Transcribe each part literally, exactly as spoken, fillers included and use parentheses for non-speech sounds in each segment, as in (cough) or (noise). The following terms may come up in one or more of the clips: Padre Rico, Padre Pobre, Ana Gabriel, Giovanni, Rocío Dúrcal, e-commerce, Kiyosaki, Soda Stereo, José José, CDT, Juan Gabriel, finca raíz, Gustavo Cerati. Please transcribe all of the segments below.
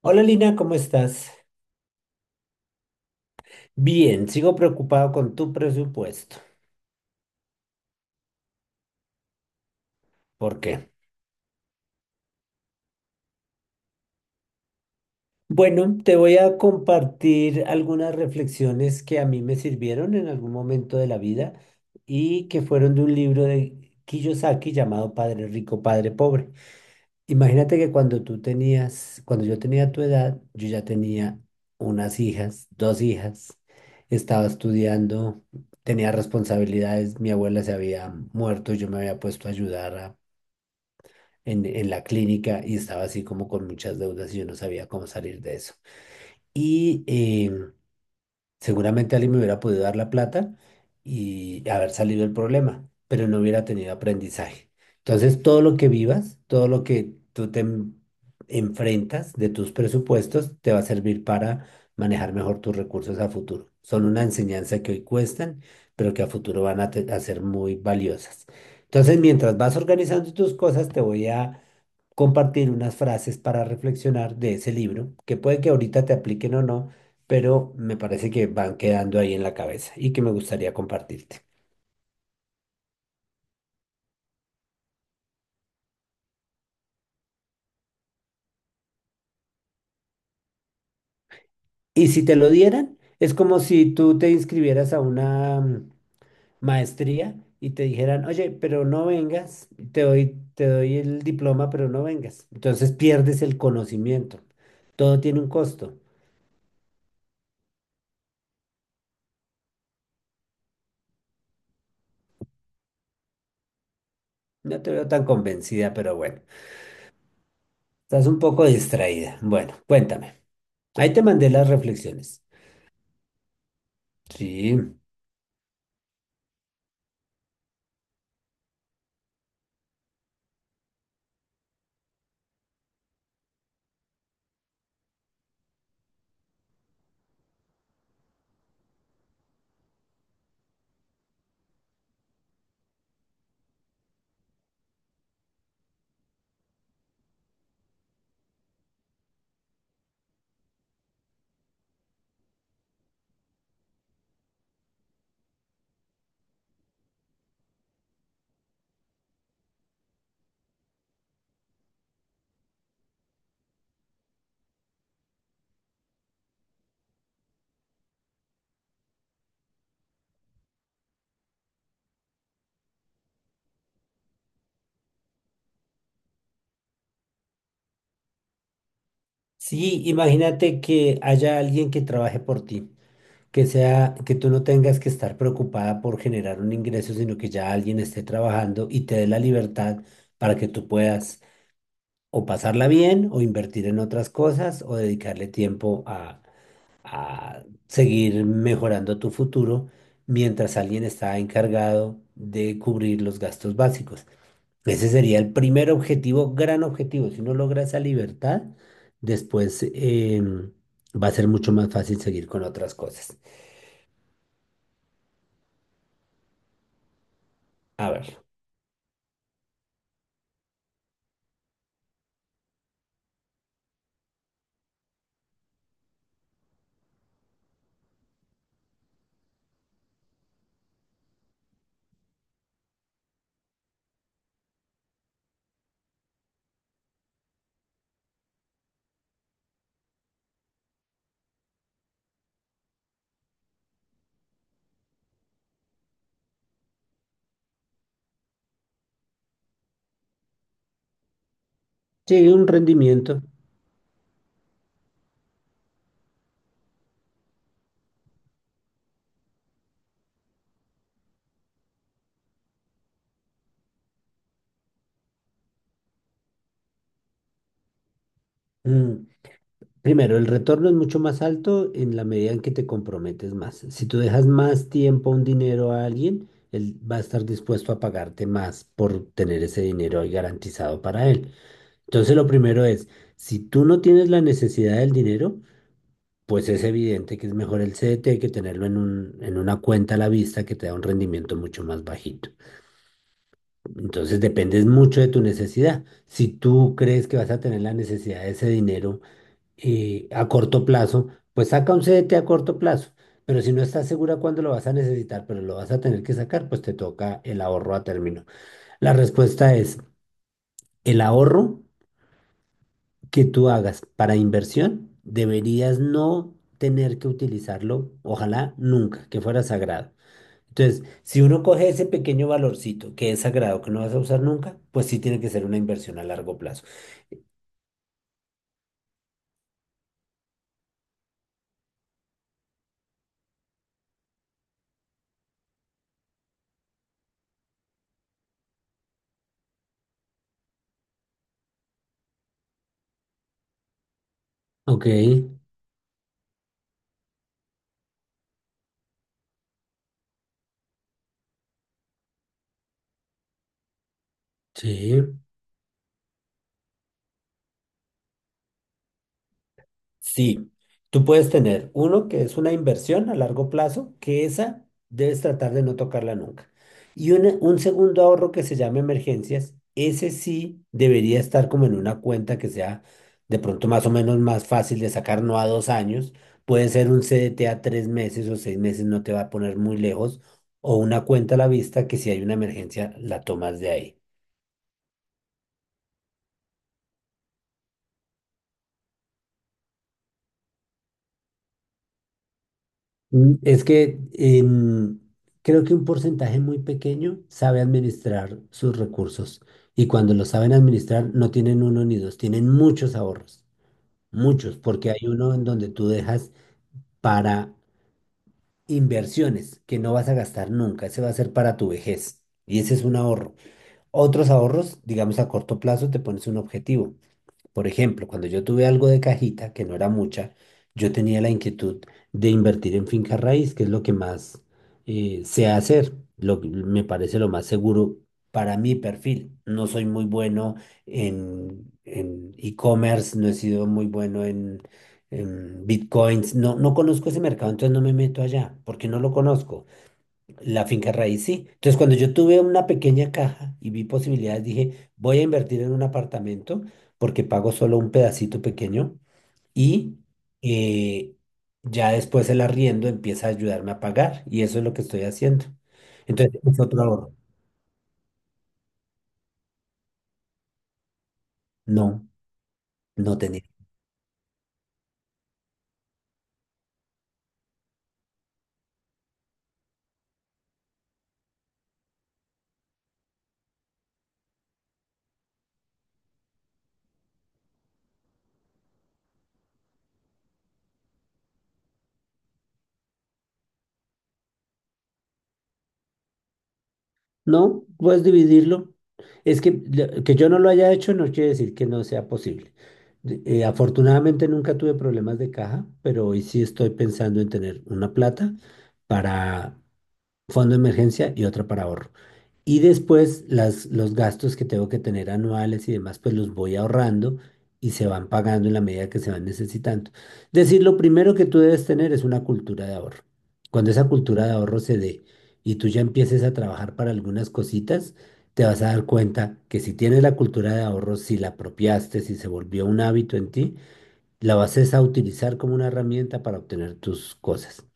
Hola Lina, ¿cómo estás? Bien, sigo preocupado con tu presupuesto. ¿Por qué? Bueno, te voy a compartir algunas reflexiones que a mí me sirvieron en algún momento de la vida y que fueron de un libro de Kiyosaki llamado Padre Rico, Padre Pobre. Imagínate que cuando tú tenías, cuando yo tenía tu edad, yo ya tenía unas hijas, dos hijas, estaba estudiando, tenía responsabilidades, mi abuela se había muerto, yo me había puesto a ayudar a en, en la clínica y estaba así como con muchas deudas y yo no sabía cómo salir de eso. Y em, seguramente alguien me hubiera podido dar la plata y haber salido del problema, pero no hubiera tenido aprendizaje. Entonces, todo lo que vivas, todo lo que tú te en- enfrentas de tus presupuestos, te va a servir para manejar mejor tus recursos a futuro. Son una enseñanza que hoy cuestan, pero que a futuro van a te- a ser muy valiosas. Entonces, mientras vas organizando tus cosas, te voy a compartir unas frases para reflexionar de ese libro, que puede que ahorita te apliquen o no, pero me parece que van quedando ahí en la cabeza y que me gustaría compartirte. Y si te lo dieran, es como si tú te inscribieras a una mm, maestría y te dijeran, oye, pero no vengas, te doy, te doy el diploma, pero no vengas. Entonces pierdes el conocimiento. Todo tiene un costo. No te veo tan convencida, pero bueno, estás un poco distraída. Bueno, cuéntame. Ahí te mandé las reflexiones. Sí. Sí, imagínate que haya alguien que trabaje por ti, que sea, que tú no tengas que estar preocupada por generar un ingreso, sino que ya alguien esté trabajando y te dé la libertad para que tú puedas o pasarla bien, o invertir en otras cosas, o dedicarle tiempo a, a seguir mejorando tu futuro mientras alguien está encargado de cubrir los gastos básicos. Ese sería el primer objetivo, gran objetivo. Si uno logra esa libertad, después em, va a ser mucho más fácil seguir con otras cosas. A ver, sí, un rendimiento. Mm, Primero, el retorno es mucho más alto en la medida en que te comprometes más. Si tú dejas más tiempo, un dinero a alguien, él va a estar dispuesto a pagarte más por tener ese dinero ahí garantizado para él. Entonces, lo primero es, si tú no tienes la necesidad del dinero, pues es evidente que es mejor el C D T que tenerlo en un, en una cuenta a la vista que te da un rendimiento mucho más bajito. Entonces dependes mucho de tu necesidad. Si tú crees que vas a tener la necesidad de ese dinero eh, a corto plazo, pues saca un C D T a corto plazo. Pero si no estás segura cuándo lo vas a necesitar, pero lo vas a tener que sacar, pues te toca el ahorro a término. La respuesta es el ahorro que tú hagas para inversión, deberías no tener que utilizarlo, ojalá nunca, que fuera sagrado. Entonces, si uno coge ese pequeño valorcito que es sagrado, que no vas a usar nunca, pues sí tiene que ser una inversión a largo plazo. Ok, sí. Sí, tú puedes tener uno que es una inversión a largo plazo, que esa debes tratar de no tocarla nunca. Y una- un segundo ahorro que se llama emergencias, ese sí debería estar como en una cuenta que sea de pronto más o menos más fácil de sacar, no a dos años. Puede ser un C D T a tres meses o seis meses, no te va a poner muy lejos. O una cuenta a la vista que si hay una emergencia la tomas de ahí. Mm, Es que em, creo que un porcentaje muy pequeño sabe administrar sus recursos y cuando los saben administrar no tienen uno ni dos, tienen muchos ahorros, muchos, porque hay uno en donde tú dejas para inversiones que no vas a gastar nunca, ese va a ser para tu vejez y ese es un ahorro. Otros ahorros, digamos a corto plazo, te pones un objetivo. Por ejemplo, cuando yo tuve algo de cajita, que no era mucha, yo tenía la inquietud de invertir en finca raíz, que es lo que más eh, sé hacer, lo que me parece lo más seguro para mi perfil. No soy muy bueno en, en e-commerce, no he sido muy bueno en, en bitcoins, no, no conozco ese mercado, entonces no me meto allá, porque no lo conozco. La finca raíz, sí. Entonces, cuando yo tuve una pequeña caja y vi posibilidades, dije, voy a invertir en un apartamento porque pago solo un pedacito pequeño y eh, ya después el arriendo empieza a ayudarme a pagar y eso es lo que estoy haciendo. Entonces, es otro ahorro. No, no tenía. No, puedes dividirlo. Es que, lo- que yo no lo haya hecho no quiere decir que no sea posible. De- eh, afortunadamente nunca tuve problemas de caja, pero hoy sí estoy pensando en tener una plata para fondo de emergencia y otra para ahorro. Y después las, los gastos que tengo que tener anuales y demás, pues los voy ahorrando y se van pagando en la medida que se van necesitando. Es decir, lo primero que tú debes tener es una cultura de ahorro. Cuando esa cultura de ahorro se dé y tú ya empieces a trabajar para algunas cositas, te vas a dar cuenta que si tienes la cultura de ahorro, si la apropiaste, si se volvió un hábito en ti, la vas es a utilizar como una herramienta para obtener tus cosas.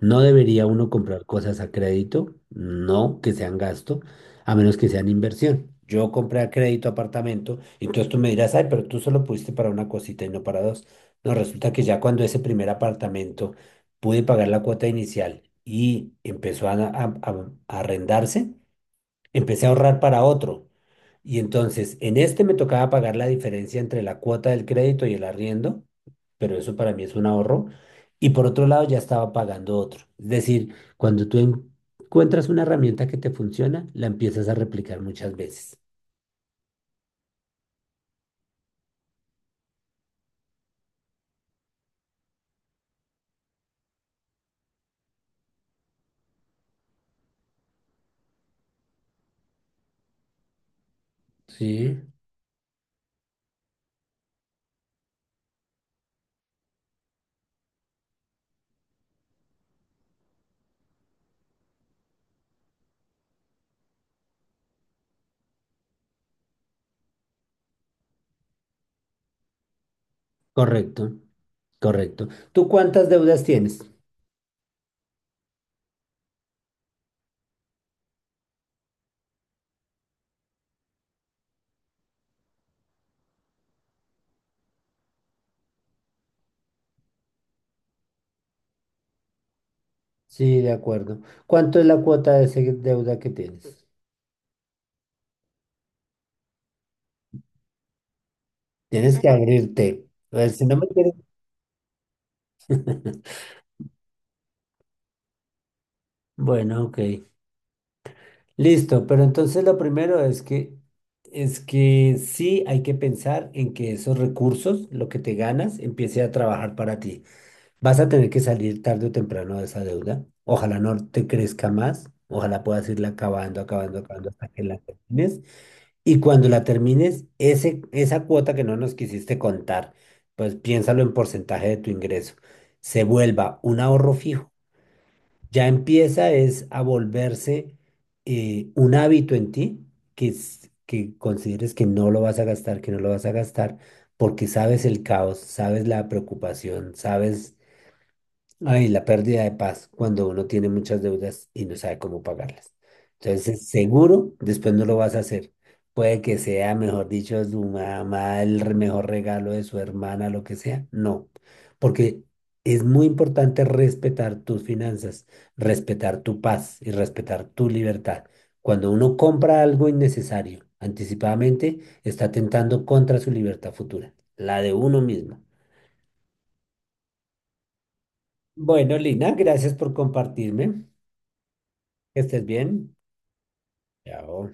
No debería uno comprar cosas a crédito, no que sean gasto, a menos que sean inversión. Yo compré a crédito apartamento, entonces tú me dirás, ay, pero tú solo pudiste para una cosita y no para dos. No, resulta que ya cuando ese primer apartamento pude pagar la cuota inicial y empezó a, a- a- a arrendarse, empecé a ahorrar para otro. Y entonces, en este me tocaba pagar la diferencia entre la cuota del crédito y el arriendo, pero eso para mí es un ahorro. Y por otro lado, ya estaba pagando otro. Es decir, cuando tú en- encuentras una herramienta que te funciona, la empiezas a replicar muchas veces. Sí, correcto, correcto. ¿Tú cuántas deudas tienes? Sí, de acuerdo. ¿Cuánto es la cuota de esa deuda que tienes? Tienes que abrirte. A ver, si no me quieres- (laughs) Bueno, ok. Listo, pero entonces lo primero es que es que sí hay que pensar en que esos recursos, lo que te ganas, empiece a trabajar para ti. Vas a tener que salir tarde o temprano de esa deuda. Ojalá no te crezca más. Ojalá puedas irla acabando, acabando, acabando hasta que la termines. Y cuando la termines, ese, esa cuota que no nos quisiste contar, pues piénsalo en porcentaje de tu ingreso. Se vuelva un ahorro fijo. Ya empieza es a volverse eh, un hábito en ti que, s- que consideres que no lo vas a gastar, que no lo vas a gastar, porque sabes el caos, sabes la preocupación, sabes ay, la pérdida de paz cuando uno tiene muchas deudas y no sabe cómo pagarlas. Entonces, seguro, después no lo vas a hacer. Puede que sea, mejor dicho, su mamá, el re- mejor regalo de su hermana, lo que sea. No, porque es muy importante respetar tus finanzas, respetar tu paz y respetar tu libertad. Cuando uno compra algo innecesario anticipadamente, está atentando contra su libertad futura, la de uno mismo. Bueno, Lina, gracias por compartirme. Que estés bien. Chao.